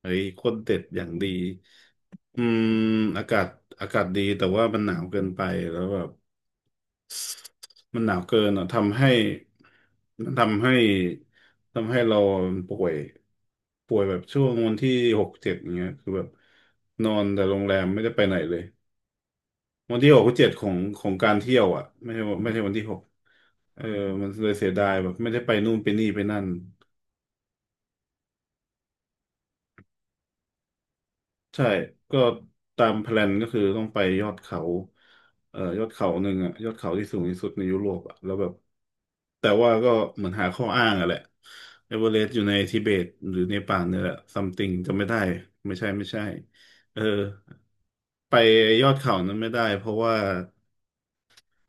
เฮ้ยคนเด็ดอย่างดีอืมอากาศอากาศดีแต่ว่ามันหนาวเกินไปแล้วแบบมันหนาวเกินอ่ะทำให้มันทำให้เราป่วยป่วยแบบช่วงวันที่หกเจ็ดอย่างเงี้ยคือแบบนอนแต่โรงแรมไม่ได้ไปไหนเลยวันที่หกเจ็ดของการเที่ยวอ่ะไม่ใช่วันที่หกเออมันเลยเสียดายแบบไม่ได้ไปนู่นไปนี่ไปนั่น ใช่ ก็ตามแพลนก็คือต้องไปยอดเขายอดเขาหนึ่งอะยอดเขาที่สูงที่สุดในยุโรปอะแล้วแบบแต่ว่าก็เหมือนหาข้ออ้างอะแหละเอเวอเรสต์อยู่ในทิเบตหรือเนปาลเนี่ยแหละ something จะไม่ได้ไม่ใช่เออไปยอดเขานั้นไม่ได้เพราะว่า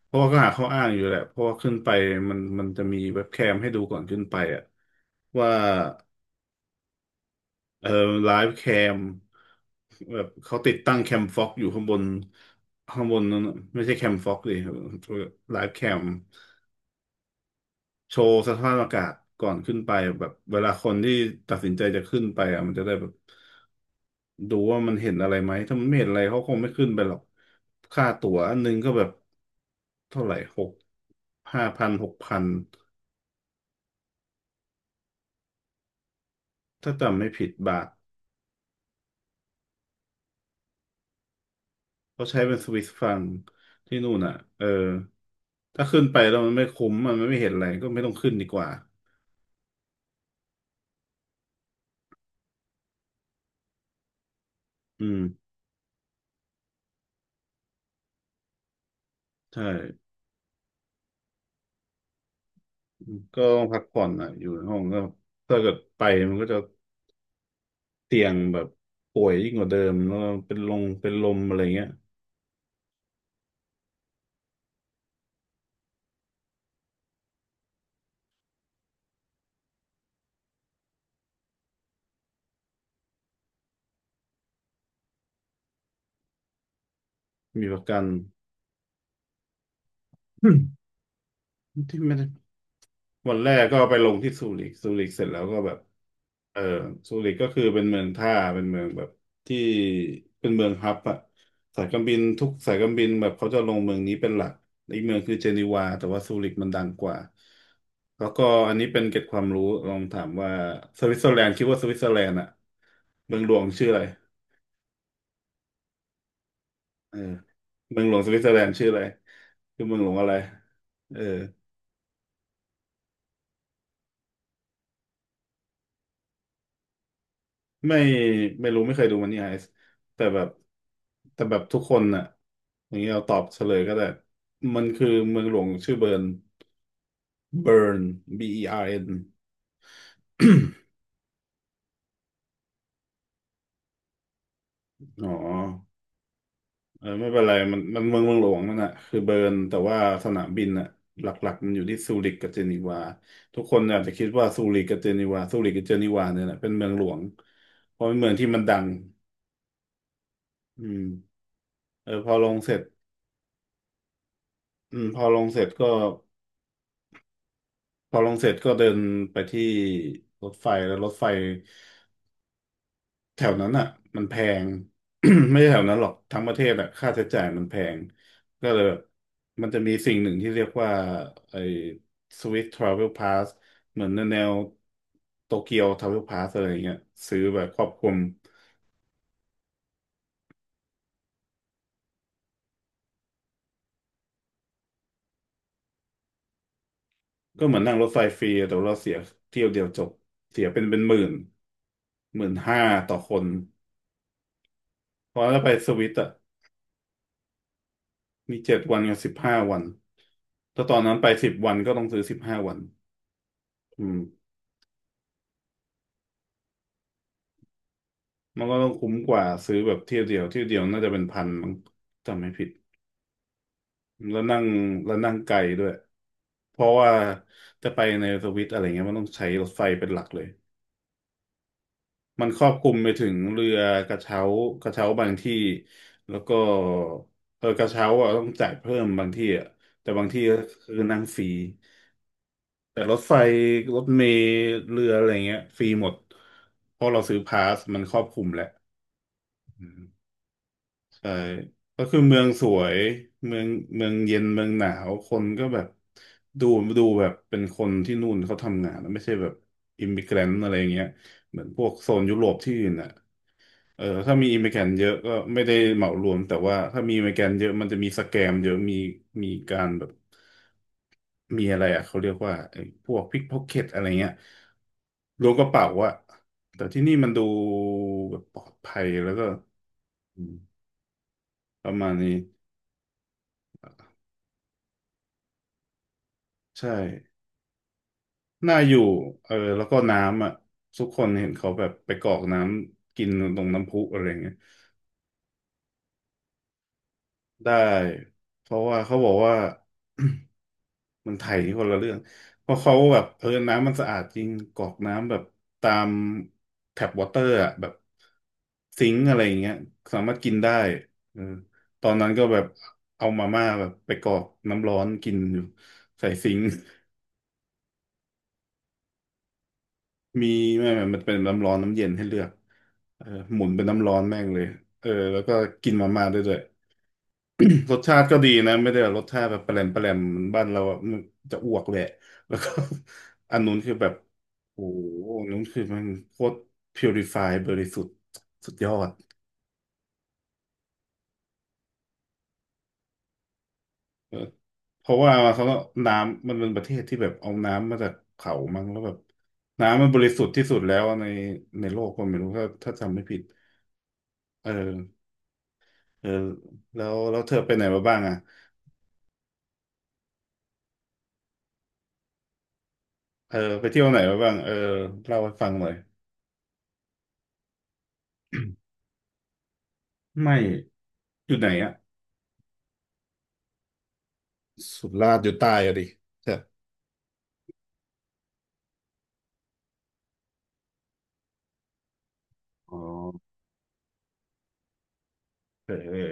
ก็หาข้ออ้างอยู่แหละเพราะว่าขึ้นไปมันจะมีเว็บแคมให้ดูก่อนขึ้นไปอะว่า เออไลฟ์แคมแบบเขาติดตั้งแคมฟ็อกอยู่ข้างบนข้างบนนั้นน่ะไม่ใช่แคมฟ็อกดยไลฟ์แคมโชว์สภาพอากาศก่อนขึ้นไปแบบเวลาคนที่ตัดสินใจจะขึ้นไปอ่ะมันจะได้แบบดูว่ามันเห็นอะไรไหมถ้ามันไม่เห็นอะไรเขาคงไม่ขึ้นไปหรอกค่าตั๋วอันนึงก็แบบเท่าไหร่หก5,000-6,000ถ้าจำไม่ผิดบาท เขาใช้เป็นสวิสฟังที่นู่นอ่ะเออถ้าขึ้นไปแล้วมันไม่คุ้มอะมันไม่เห็นอะไรก็ไม่ต้องขึ้นดีกว่าอืมใช่อืมก็ต้องพักผ่อนอ่ะอยู่ในห้องก็ถ้าเกิดไปมันก็จะเตียงแบบป่วยยิ่งกว่าเดิมแล้วเป็นลงเป็นลมอะไรเงี้ยมีประกัน ที่ไม่ได้ วันแรกก็ไปลงที่ซูริกซูริกเสร็จแล้วก็แบบเออซูริกก็คือเป็นเมืองท่าเป็นเมืองแบบที่เป็นเมืองฮับอะสายการบินทุกสายการบินแบบเขาจะลงเมืองนี้เป็นหลักอีกเมืองคือเจนีวาแต่ว่าซูริกมันดังกว่าแล้วก็อันนี้เป็นเกร็ดความรู้ลองถามว่าสวิตเซอร์แลนด์คิดว่าสวิตเซอร์แลนด์อะเมืองหลวงชื่ออะไรเออเมืองหลวงสวิตเซอร์แลนด์ชื่ออะไรคือเมืองหลวงอะไรเออ ไม่ไม่รู้ไม่เคยดูมันนี่ไอซ์แต่แบบทุกคนน่ะอย่างนี้เราตอบเฉลยก็ได้มันคือเมืองหลวงชื่อเบิร์นเบิร์น BERN อาร์เอ็นอ๋อเออไม่เป็นไรมันเมืองหลวงนั่นน่ะคือเบิร์นแต่ว่าสนามบินน่ะหลักๆมันอยู่ที่ซูริกกับเจนีวาทุกคนอาจจะคิดว่าซูริกกับเจนีวาซูริกกับเจนีวาเนี่ยแหละเป็นเมืองหลวงเพราะเป็นเมืองที่มันดังอืมเออพอลงเสร็จอืมพอลงเสร็จก็เดินไปที่รถไฟแล้วรถไฟแถวนั้นอ่ะมันแพง ไม่ใช่แถวนั้นหรอกทั้งประเทศอ่ะค่าใช้จ่ายมันแพงก็เลยแบบมันจะมีสิ่งหนึ่งที่เรียกว่าไอ้ Swiss Travel Pass เหมือนแนวโตเกียว Travel Pass อะไรอย่างเงี้ยซื้อแบบครอบคลุมก็เหมือนนั่งรถไฟฟรีแต่ว่าเราเสียเที่ยวเดียวจบเสียเป็น10,000 15,000ต่อคนเพอะล้าไปสวิตอ่ะ มี7 วันกับสิบห้าวันถ้าตอนนั้นไป10 วันก็ต้องซื้อสิบห้าวันอืมมันก็ต้องคุ้มกว่าซื้อแบบเที่ยวเดียวน่าจะเป็นพันมั้งจำไม่ผิดแล้วนั่งแล้วนั่งไกลด้วย เพราะว่าจะไปในสวิตอะไรเงี้ยมันต้องใช้รถไฟเป็นหลักเลย มันครอบคลุมไปถึงเรือกระเช้ากระเช้าบางที่แล้วก็เออกระเช้าอ่ะต้องจ่ายเพิ่มบางที่อ่ะแต่บางที่ก็คือนั่งฟรี แต่รถไฟรถเมล์เรืออะไรเงี้ยฟรีหมดเพราะเราซื้อพาสมันครอบคลุมแหละอืมใช่ก็คือเมืองสวยเมืองเมืองเย็นเมืองหนาวคนก็แบบดูดูแบบเป็นคนที่นู่นเขาทำงานไม่ใช่แบบอิมมิเกรนต์อะไรเงี้ยเหมือนพวกโซนยุโรปที่อื่นอ่ะ เออถ้ามีอิมเมแกนเยอะก็ไม่ได้เหมารวมแต่ว่าถ้ามีอิมเมแกนเยอะมันจะมีสแกมเยอะมีการแบบมีอะไรอ่ะเขาเรียกว่าไอ้พวกพิกพ็อกเก็ตอะไรเงี้ยล้วงกระเป๋าอะแต่ที่นี่มันดูแบบปลอดภัยแล้วก็อืมประมาณนี้ใช่น่าอยู่เออแล้วก็น้ำอ่ะทุกคนเห็นเขาแบบไปกรอกน้ำกินตรงน้ำพุอะไรเงี้ยได้เพราะว่าเขาบอกว่า มันไทยนี่คนละเรื่องเพราะเขาแบบเออน้ำมันสะอาดจริงกรอกน้ำแบบตามแท็บวอเตอร์อะแบบซิงค์อะไรอย่างเงี้ยสามารถกินได้เออตอนนั้นก็แบบเอามาม่าแบบไปกรอกน้ำร้อนกินอยู่ใส่ซิงค์ มีไม่ไม่มันเป็นน้ำร้อนน้ำเย็นให้เลือกเออหมุนเป็นน้ำร้อนแม่งเลยเออแล้วก็กินมาม่าได้ด้วย รสชาติก็ดีนะไม่ได้แบบรสชาติแบบแปลมแปลมเหมือนบ้านเราอะมันจะอ้วกแหละแล้วก็ อันนู้นคือแบบโอ้โหอันนู้นคือมันโคตรพิวริฟายบริสุทธิ์สุดยอดเออเพราะว่าเขาก็น้ำมันเป็นประเทศที่แบบเอาน้ำมาจากเขามั้งแล้วแบบน้ำมันบริสุทธิ์ที่สุดแล้วในในโลกก็ไม่รู้ถ้าจำไม่ผิดเออเออแล้วเธอไปไหนมาบ้างอ่ะเออไปเที่ยวไหนมาบ้างเออเล่าให้ฟังหน่อยไม่อยู่ไหนอ่ะ สุราษฎร์อยู่ใต้อะดิใช่อ๋อเออเออ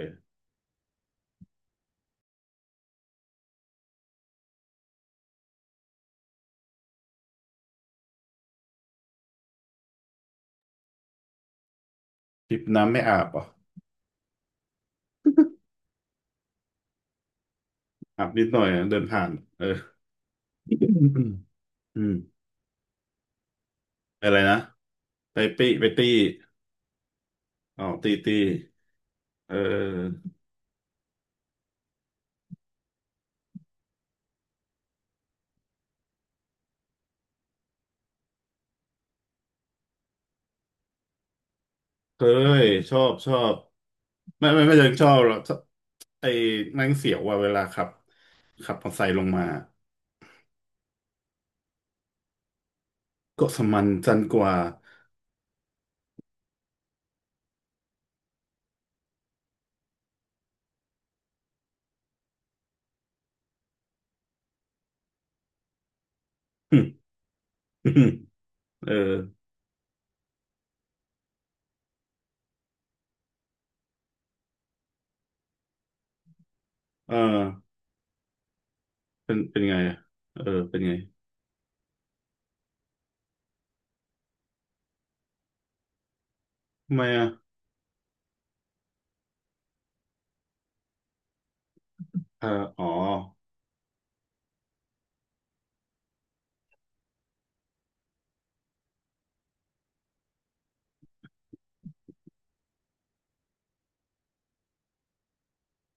ทริปน้ำไม่อาบเหรอ่ะ อาบนิดหน่อยนะเดินผ่านเอออืมอะไรนะ ไปปี้ไปตี้อ๋อ ตีตีเออเคยชอบชอบไม่เชิงชอบหรอกชอบไอ้นั่งเสียวว่าเวลาขับขับมอเตอร์ไซค์ลงมาก็สมันจันกว่า อืมอืมเออเออเป็นไงอะเออ เป็นไง ทำไมอ่ะเอออ๋อ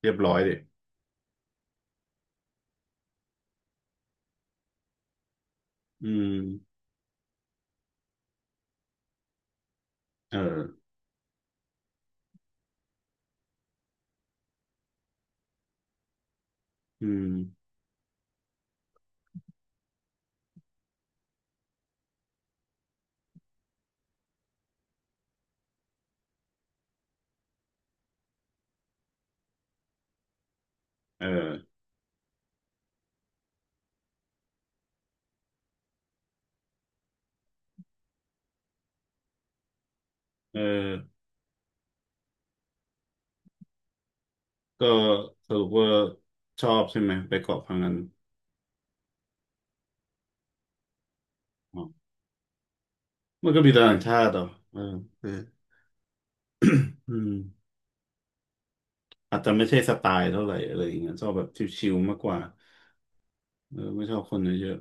เรียบร้อยดิ อืมเอออืมเออเออก็สรุปว่าชอบใช่ไหมไปเกาะพังงันอ๋อมันก็มีแต่ต่างชาติเหรอเออเอออืมอาจจะไม่ใช่สไตล์เท่าไหร่อะไรอย่างเงี้ยชอบแบบชิลๆมากกว่าเออไม่ชอบคนเยอะ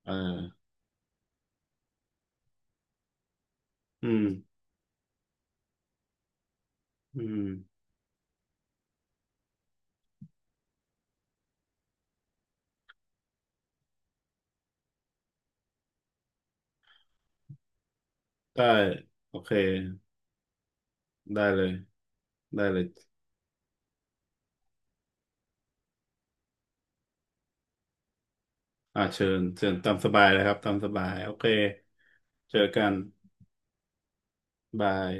ๆเอออืมอืมได้โอเคได้เลยได้เลยอ่าเชิญเชิญตามสบายเลยครับตามสบายโอเคเจอกันบาย